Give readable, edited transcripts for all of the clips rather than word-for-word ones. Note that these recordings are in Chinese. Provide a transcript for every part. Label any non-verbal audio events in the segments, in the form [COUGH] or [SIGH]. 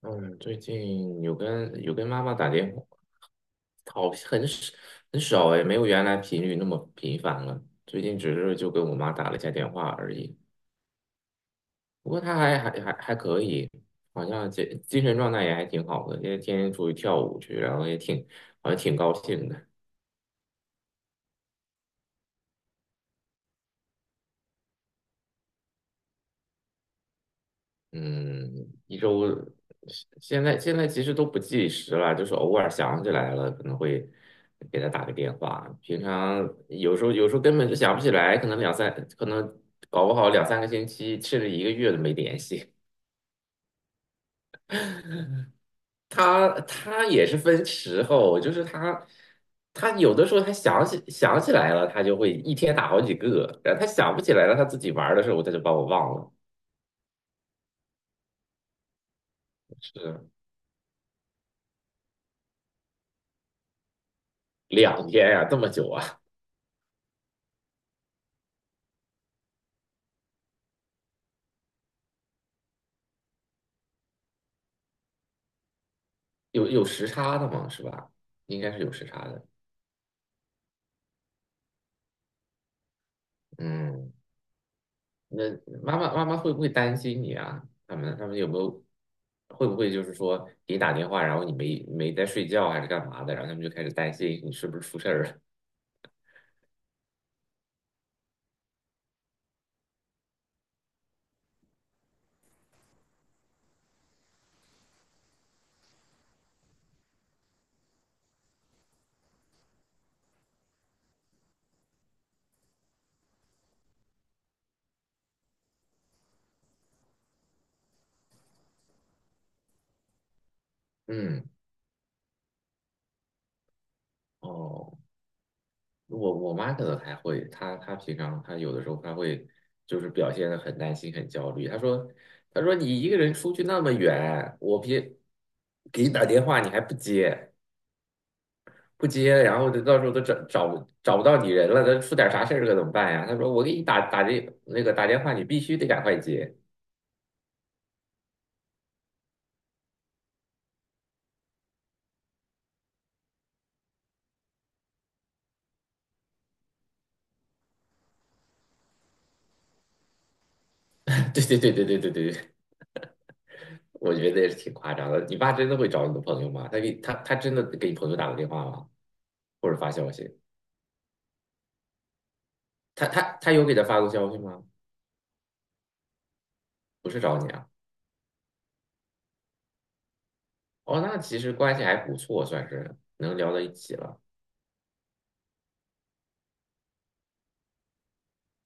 嗯，最近有跟妈妈打电话，好，很少很少哎，没有原来频率那么频繁了。最近只是就跟我妈打了一下电话而已，不过她还可以，好像精神状态也还挺好的，因为天天出去跳舞去，然后也挺好像挺高兴的。嗯，一周现现在其实都不计时了，就是偶尔想起来了，可能会给他打个电话。平常有时候根本就想不起来，可能搞不好两三个星期甚至一个月都没联系。他也是分时候，就是他有的时候他想起来了，他就会一天打好几个，然后他想不起来了，他自己玩儿的时候他就把我忘了。是两天呀、这么久啊？有有时差的嘛，是吧？应该是有时差的。嗯，那妈妈会不会担心你啊？他们有没有会不会就是说给你打电话，然后你没没在睡觉还是干嘛的，然后他们就开始担心你是不是出事儿了？[LAUGHS] 嗯，哦，我妈可能还会，她平常她有的时候她会就是表现的很担心很焦虑。她说你一个人出去那么远，我别给你打电话你还不接。不接，然后就到时候都找不到你人了，那出点啥事儿可怎么办呀？他说我给你打这那个打电话，你必须得赶快接。[LAUGHS] 对对对对对对对，对我觉得也是挺夸张的。你爸真的会找你的朋友吗？他给他真的给你朋友打过电话吗？或者发消息？他有给他发过消息吗？不是找你啊？哦，那其实关系还不错，算是能聊到一起了。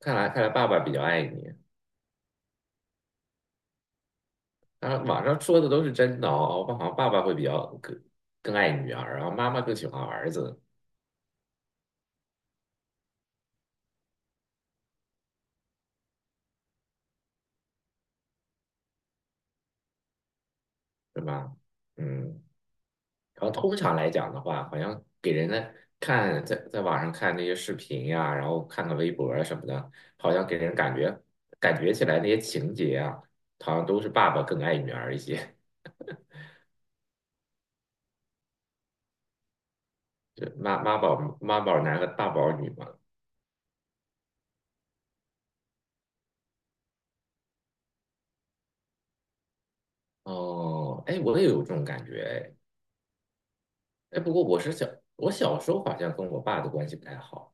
看来看来爸爸比较爱你。然后网上说的都是真的哦，我好像爸爸会比较更更爱女儿，然后妈妈更喜欢儿子。对吧？嗯，然后通常来讲的话，好像给人的看在网上看那些视频呀、然后看看微博啊什么的，好像给人感觉感觉起来那些情节啊，好像都是爸爸更爱女儿一些，就妈妈宝妈宝男和爸宝女嘛。哦，哎，我也有这种感觉，哎，哎，不过我小时候好像跟我爸的关系不太好。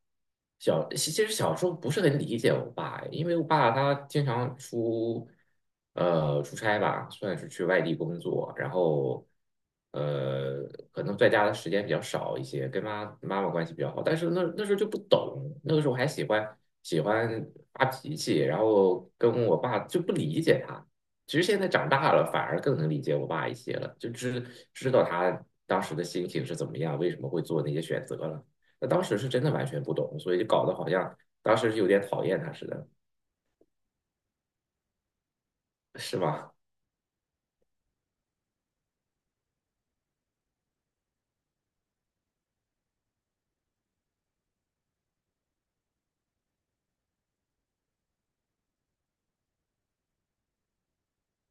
小，其实小时候不是很理解我爸，因为我爸他经常出，出差吧，算是去外地工作，然后，呃，可能在家的时间比较少一些，跟妈妈妈关系比较好，但是那时候就不懂，那个时候还喜欢发脾气，然后跟我爸就不理解他。其实现在长大了，反而更能理解我爸一些了，就知道他当时的心情是怎么样，为什么会做那些选择了。那当时是真的完全不懂，所以就搞得好像当时是有点讨厌他似的，是吧？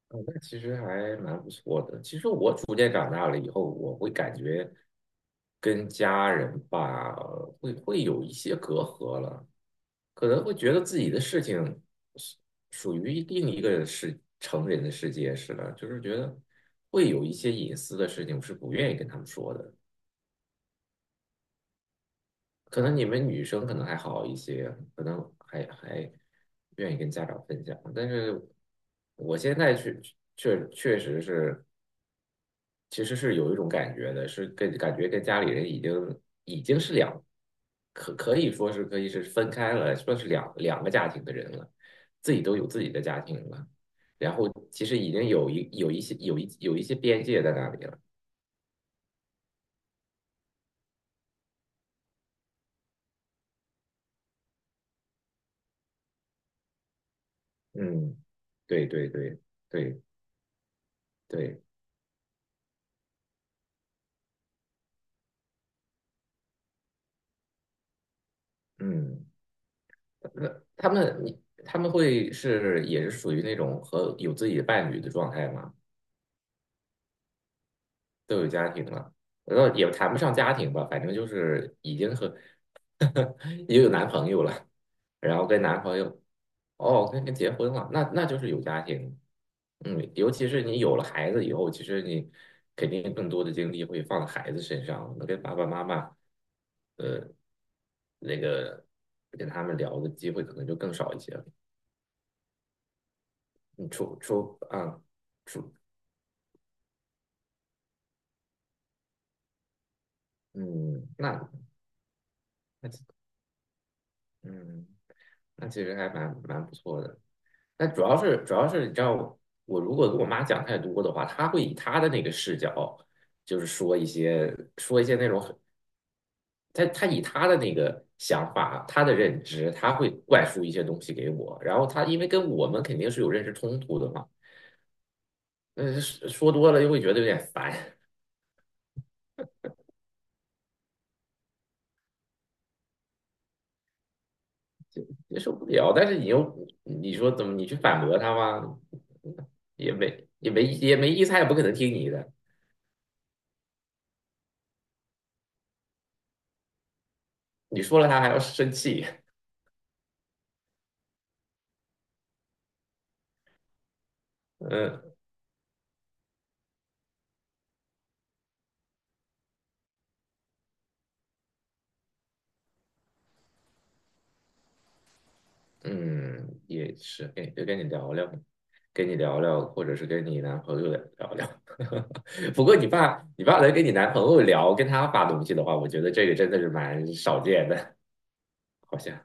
嗯，那其实还蛮不错的。其实我逐渐长大了以后，我会感觉跟家人吧，会有一些隔阂了，可能会觉得自己的事情是属于另一个世成人的世界似的，就是觉得会有一些隐私的事情，我是不愿意跟他们说的。可能你们女生可能还好一些，可能还愿意跟家长分享。但是我现在确实是，其实是有一种感觉的，是跟感觉跟家里人已经是两，可以是分开了，算是两个家庭的人了，自己都有自己的家庭了，然后其实已经有一些边界在那里了。嗯，对对对对对，嗯。那他们你他们会是也是属于那种和有自己的伴侣的状态吗？都有家庭了，然后也谈不上家庭吧，反正就是已经和 [LAUGHS] 也有男朋友了，然后跟男朋友哦跟结婚了，那那就是有家庭。嗯，尤其是你有了孩子以后，其实你肯定更多的精力会放在孩子身上，那跟爸爸妈妈那个跟他们聊的机会可能就更少一些了。你啊。除嗯，那那其嗯，那其实还蛮不错的。那主要是你知道我，我如果跟我妈讲太多的话，她会以她的那个视角，就是说一些那种很，她以她的那个想法、她的认知，她会灌输一些东西给我。然后她因为跟我们肯定是有认识冲突的嘛，嗯，说多了又会觉得有点烦，接受不了。但是你又你说怎么你去反驳她吗？[LAUGHS] 也没意思，她也不可能听你的。你说了他还要生气，[LAUGHS] 嗯嗯，也是跟就跟你聊聊，跟你聊聊，或者是跟你男朋友聊聊。[LAUGHS] 不过你爸，你爸来跟你男朋友聊，跟他发东西的话，我觉得这个真的是蛮少见的，好像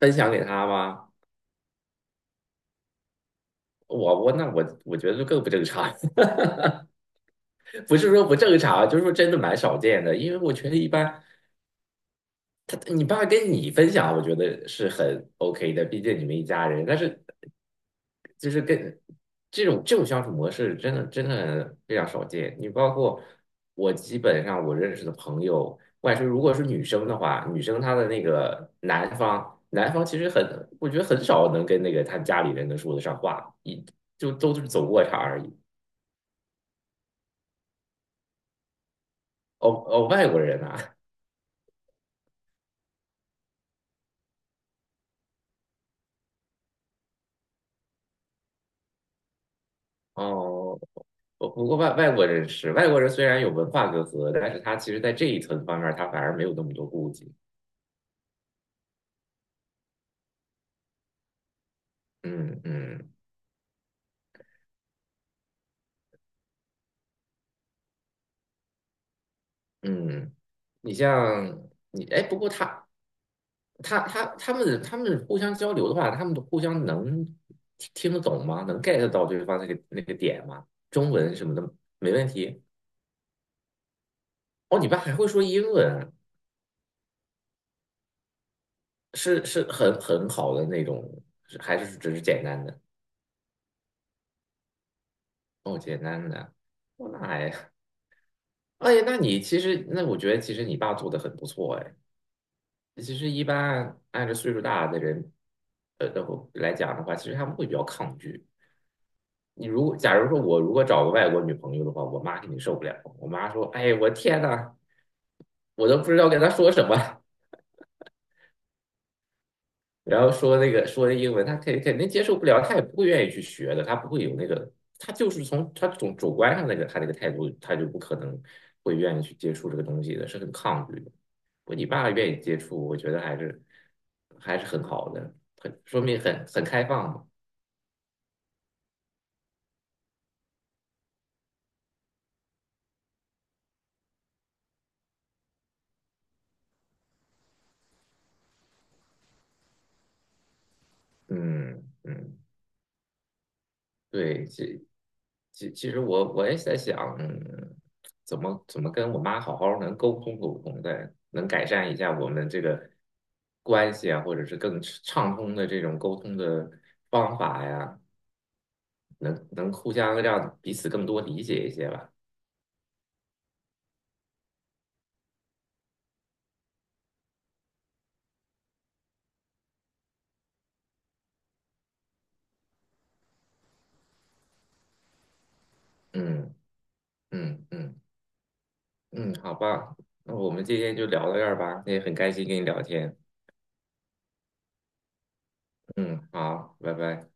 分享给他吗？我我那我我觉得就更不正常，[LAUGHS] 不是说不正常，就是说真的蛮少见的，因为我觉得一般你爸跟你分享，我觉得是很 OK 的，毕竟你们一家人。但是就是跟这种相处模式，真的非常少见。你包括我，基本上我认识的朋友，外甥如果是女生的话，女生她的那个男方，男方其实很，我觉得很少能跟那个他家里人能说得上话，一就都是走过场而已。哦哦，外国人啊，哦。不不过外外国人是外国人，虽然有文化隔阂，但是他其实在这一层方面，他反而没有那么多顾忌。嗯嗯嗯，你像你哎，不过他们互相交流的话，他们互相能听听得懂吗？能 get 到对方那个点吗？中文什么的没问题。哦，你爸还会说英文啊，是是很好的那种，是还是只是简单的？哦，简单的，哦，那还哎，那你其实，那我觉得其实你爸做的很不错哎。其实一般按照岁数大的人，然后来讲的话，其实他们会比较抗拒。你如果假如说我如果找个外国女朋友的话，我妈肯定受不了。我妈说：“哎，我天呐，我都不知道跟她说什么。”然后说那个说英文，他肯定接受不了，他也不会愿意去学的，他不会有那个，他就是从他总主观上那个他那个态度，他就不可能会愿意去接触这个东西的，是很抗拒的。我你爸愿意接触，我觉得还是很好的，很说明很开放嘛。嗯嗯，对，这其实我也在想，嗯，怎么跟我妈好好能沟通的，能改善一下我们这个关系啊，或者是更畅通的这种沟通的方法呀，能互相让彼此更多理解一些吧。嗯嗯嗯嗯，好吧，那我们今天就聊到这儿吧，也很开心跟你聊天。嗯，好，拜拜。